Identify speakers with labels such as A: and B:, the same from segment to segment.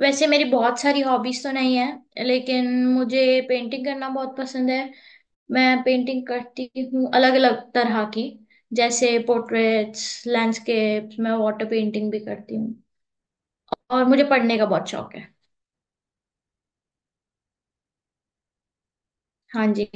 A: वैसे मेरी बहुत सारी हॉबीज तो नहीं है लेकिन मुझे पेंटिंग करना बहुत पसंद है। मैं पेंटिंग करती हूँ अलग अलग तरह की, जैसे पोर्ट्रेट्स, लैंडस्केप्स, मैं वाटर पेंटिंग भी करती हूँ। और मुझे पढ़ने का बहुत शौक है। हाँ जी।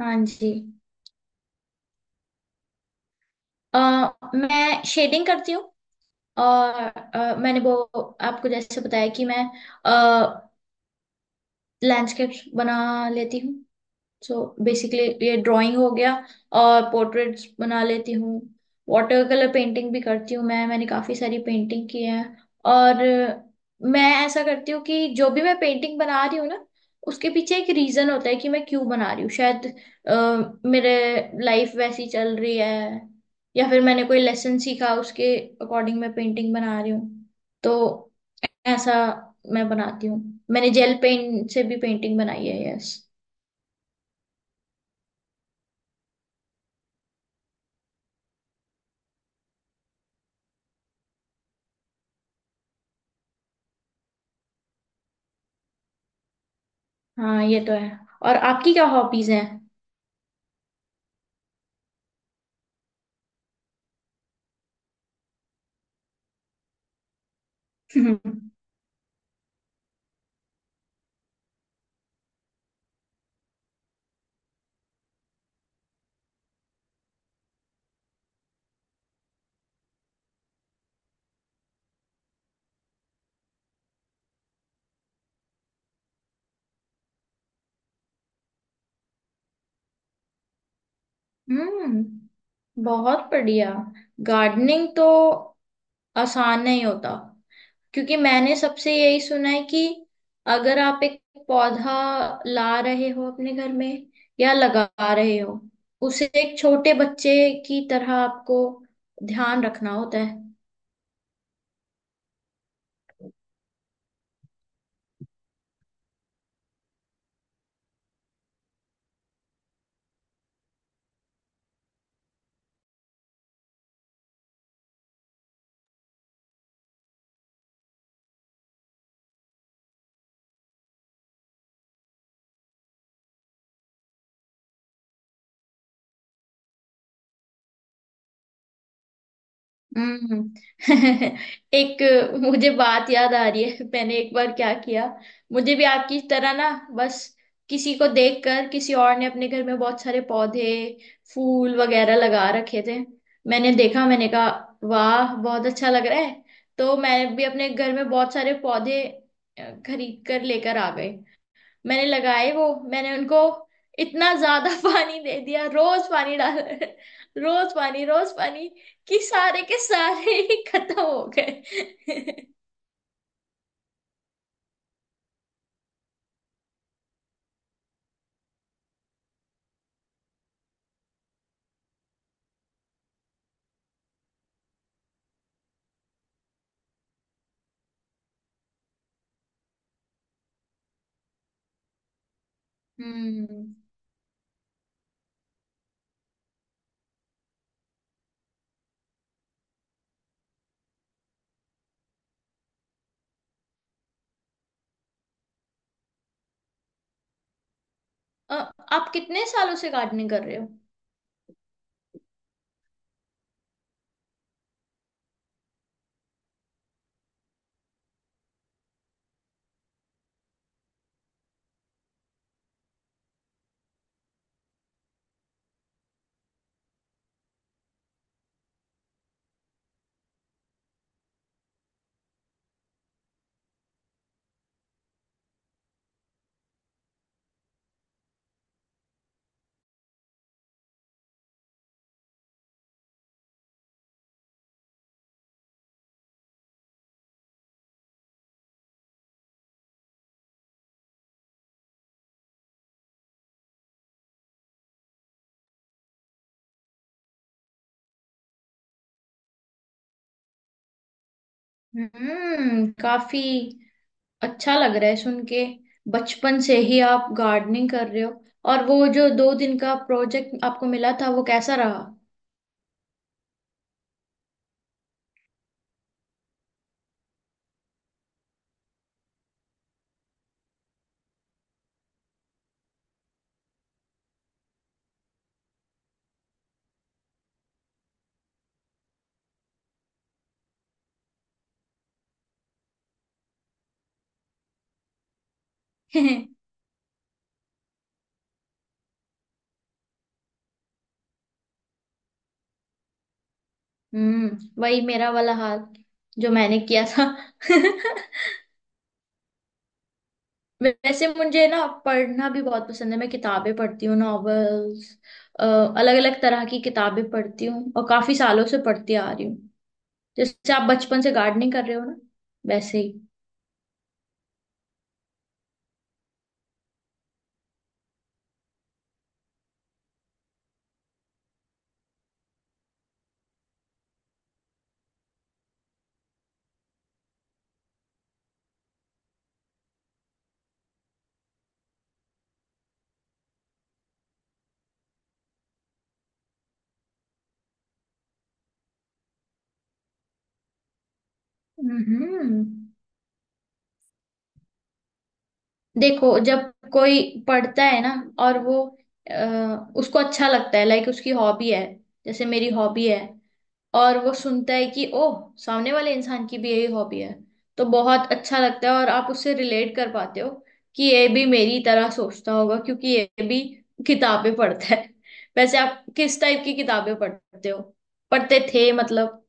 A: हाँ जी। अ, मैं शेडिंग करती हूँ। और मैंने वो आपको जैसे बताया कि मैं लैंडस्केप्स बना लेती हूँ। सो बेसिकली ये ड्राइंग हो गया। और पोर्ट्रेट्स बना लेती हूँ। वाटर कलर पेंटिंग भी करती हूँ मैं। मैंने काफ़ी सारी पेंटिंग की है। और मैं ऐसा करती हूँ कि जो भी मैं पेंटिंग बना रही हूँ ना, उसके पीछे एक रीज़न होता है कि मैं क्यों बना रही हूँ। शायद मेरे लाइफ वैसी चल रही है, या फिर मैंने कोई लेसन सीखा, उसके अकॉर्डिंग मैं पेंटिंग बना रही हूँ। तो ऐसा मैं बनाती हूँ। मैंने जेल पेन से भी पेंटिंग बनाई है। यस। हाँ, ये तो है। और आपकी क्या हॉबीज हैं? हम्म। बहुत बढ़िया। गार्डनिंग तो आसान नहीं होता, क्योंकि मैंने सबसे यही सुना है कि अगर आप एक पौधा ला रहे हो अपने घर में, या लगा रहे हो, उसे एक छोटे बच्चे की तरह आपको ध्यान रखना होता है। हम्म। एक, मुझे बात याद आ रही है, मैंने एक बार क्या किया। मुझे भी आपकी तरह ना, बस किसी को देखकर किसी और ने अपने घर में बहुत सारे पौधे, फूल वगैरह लगा रखे थे। मैंने देखा, मैंने कहा वाह बहुत अच्छा लग रहा है। तो मैं भी अपने घर में बहुत सारे पौधे खरीद कर लेकर आ गए। मैंने लगाए वो, मैंने उनको इतना ज्यादा पानी दे दिया, रोज पानी डाल रोज पानी, रोज पानी, कि सारे के सारे ही खत्म हो गए। हम्म। अ, आप कितने सालों से गार्डनिंग कर रहे हो? हम्म, काफी अच्छा लग रहा है सुन के। बचपन से ही आप गार्डनिंग कर रहे हो, और वो जो दो दिन का प्रोजेक्ट आपको मिला था, वो कैसा रहा? हम्म, वही मेरा वाला हाल जो मैंने किया था। वैसे मुझे ना पढ़ना भी बहुत पसंद है, मैं किताबें पढ़ती हूँ, नॉवेल्स, अलग अलग तरह की किताबें पढ़ती हूँ, और काफी सालों से पढ़ती आ रही हूँ। जैसे आप बचपन से गार्डनिंग कर रहे हो ना, वैसे ही। हम्म। देखो, जब कोई पढ़ता है ना, और वो उसको अच्छा लगता है, लाइक उसकी हॉबी है, जैसे मेरी हॉबी है, और वो सुनता है कि ओह सामने वाले इंसान की भी यही हॉबी है, तो बहुत अच्छा लगता है, और आप उससे रिलेट कर पाते हो कि ये भी मेरी तरह सोचता होगा क्योंकि ये भी किताबें पढ़ता है। वैसे आप किस टाइप की किताबें पढ़ते हो? पढ़ते थे मतलब?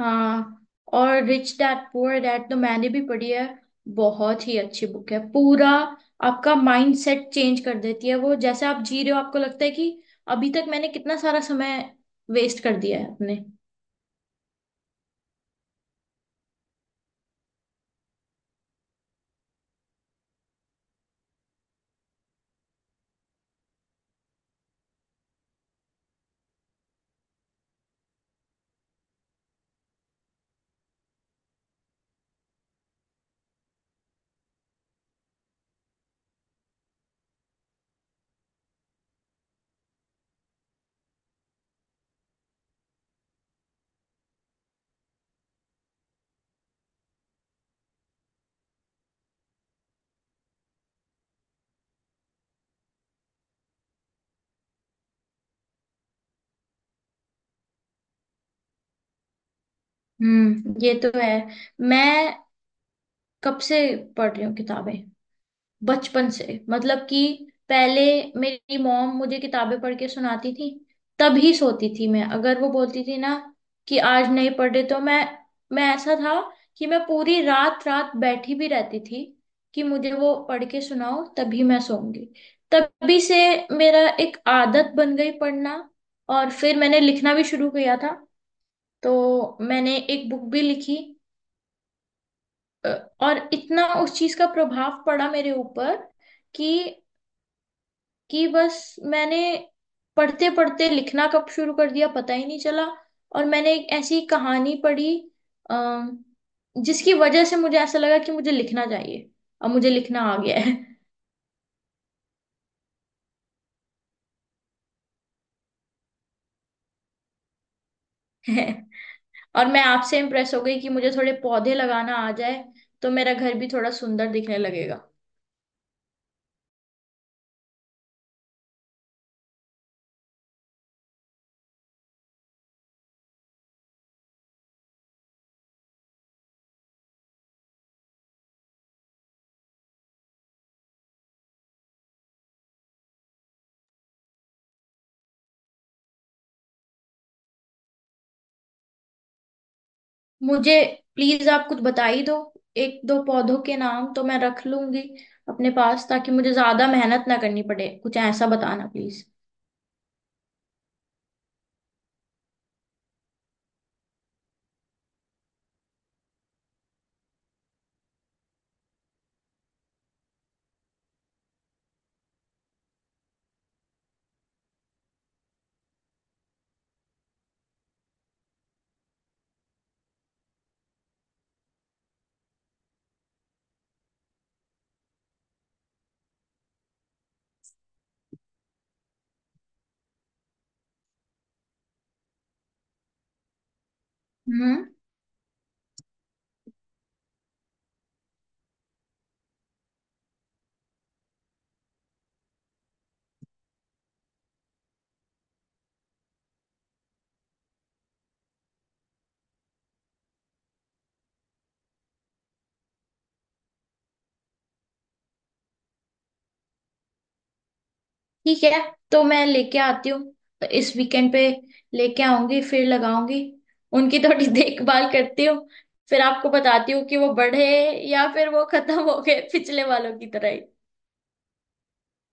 A: हाँ। और रिच डैड पुअर डैड तो मैंने भी पढ़ी है, बहुत ही अच्छी बुक है, पूरा आपका माइंड सेट चेंज कर देती है वो। जैसे आप जी रहे हो, आपको लगता है कि अभी तक मैंने कितना सारा समय वेस्ट कर दिया है अपने। हम्म, ये तो है। मैं कब से पढ़ रही हूँ किताबें, बचपन से, मतलब कि पहले मेरी मॉम मुझे किताबें पढ़ के सुनाती थी, तभी सोती थी मैं, अगर वो बोलती थी ना कि आज नहीं पढ़ रहे, तो मैं ऐसा था कि मैं पूरी रात रात बैठी भी रहती थी कि मुझे वो पढ़ के सुनाओ, तभी मैं सोऊंगी। तभी से मेरा एक आदत बन गई पढ़ना। और फिर मैंने लिखना भी शुरू किया था, तो मैंने एक बुक भी लिखी। अ, और इतना उस चीज का प्रभाव पड़ा मेरे ऊपर कि कि बस मैंने पढ़ते पढ़ते लिखना कब शुरू कर दिया पता ही नहीं चला। और मैंने एक ऐसी कहानी पढ़ी, आ, जिसकी वजह से मुझे ऐसा लगा कि मुझे लिखना चाहिए, और मुझे लिखना आ गया है। और मैं आपसे इम्प्रेस हो गई कि मुझे थोड़े पौधे लगाना आ जाए, तो मेरा घर भी थोड़ा सुंदर दिखने लगेगा। मुझे प्लीज आप कुछ बता ही दो, एक दो पौधों के नाम तो मैं रख लूंगी अपने पास, ताकि मुझे ज्यादा मेहनत ना करनी पड़े। कुछ ऐसा बताना प्लीज। हम्म, ठीक है, तो मैं लेके आती हूँ, तो इस वीकेंड पे लेके आऊंगी, फिर लगाऊंगी, उनकी थोड़ी देखभाल करती हूँ। फिर आपको बताती हूँ कि वो बढ़े, या फिर वो खत्म हो गए पिछले वालों की तरह ही।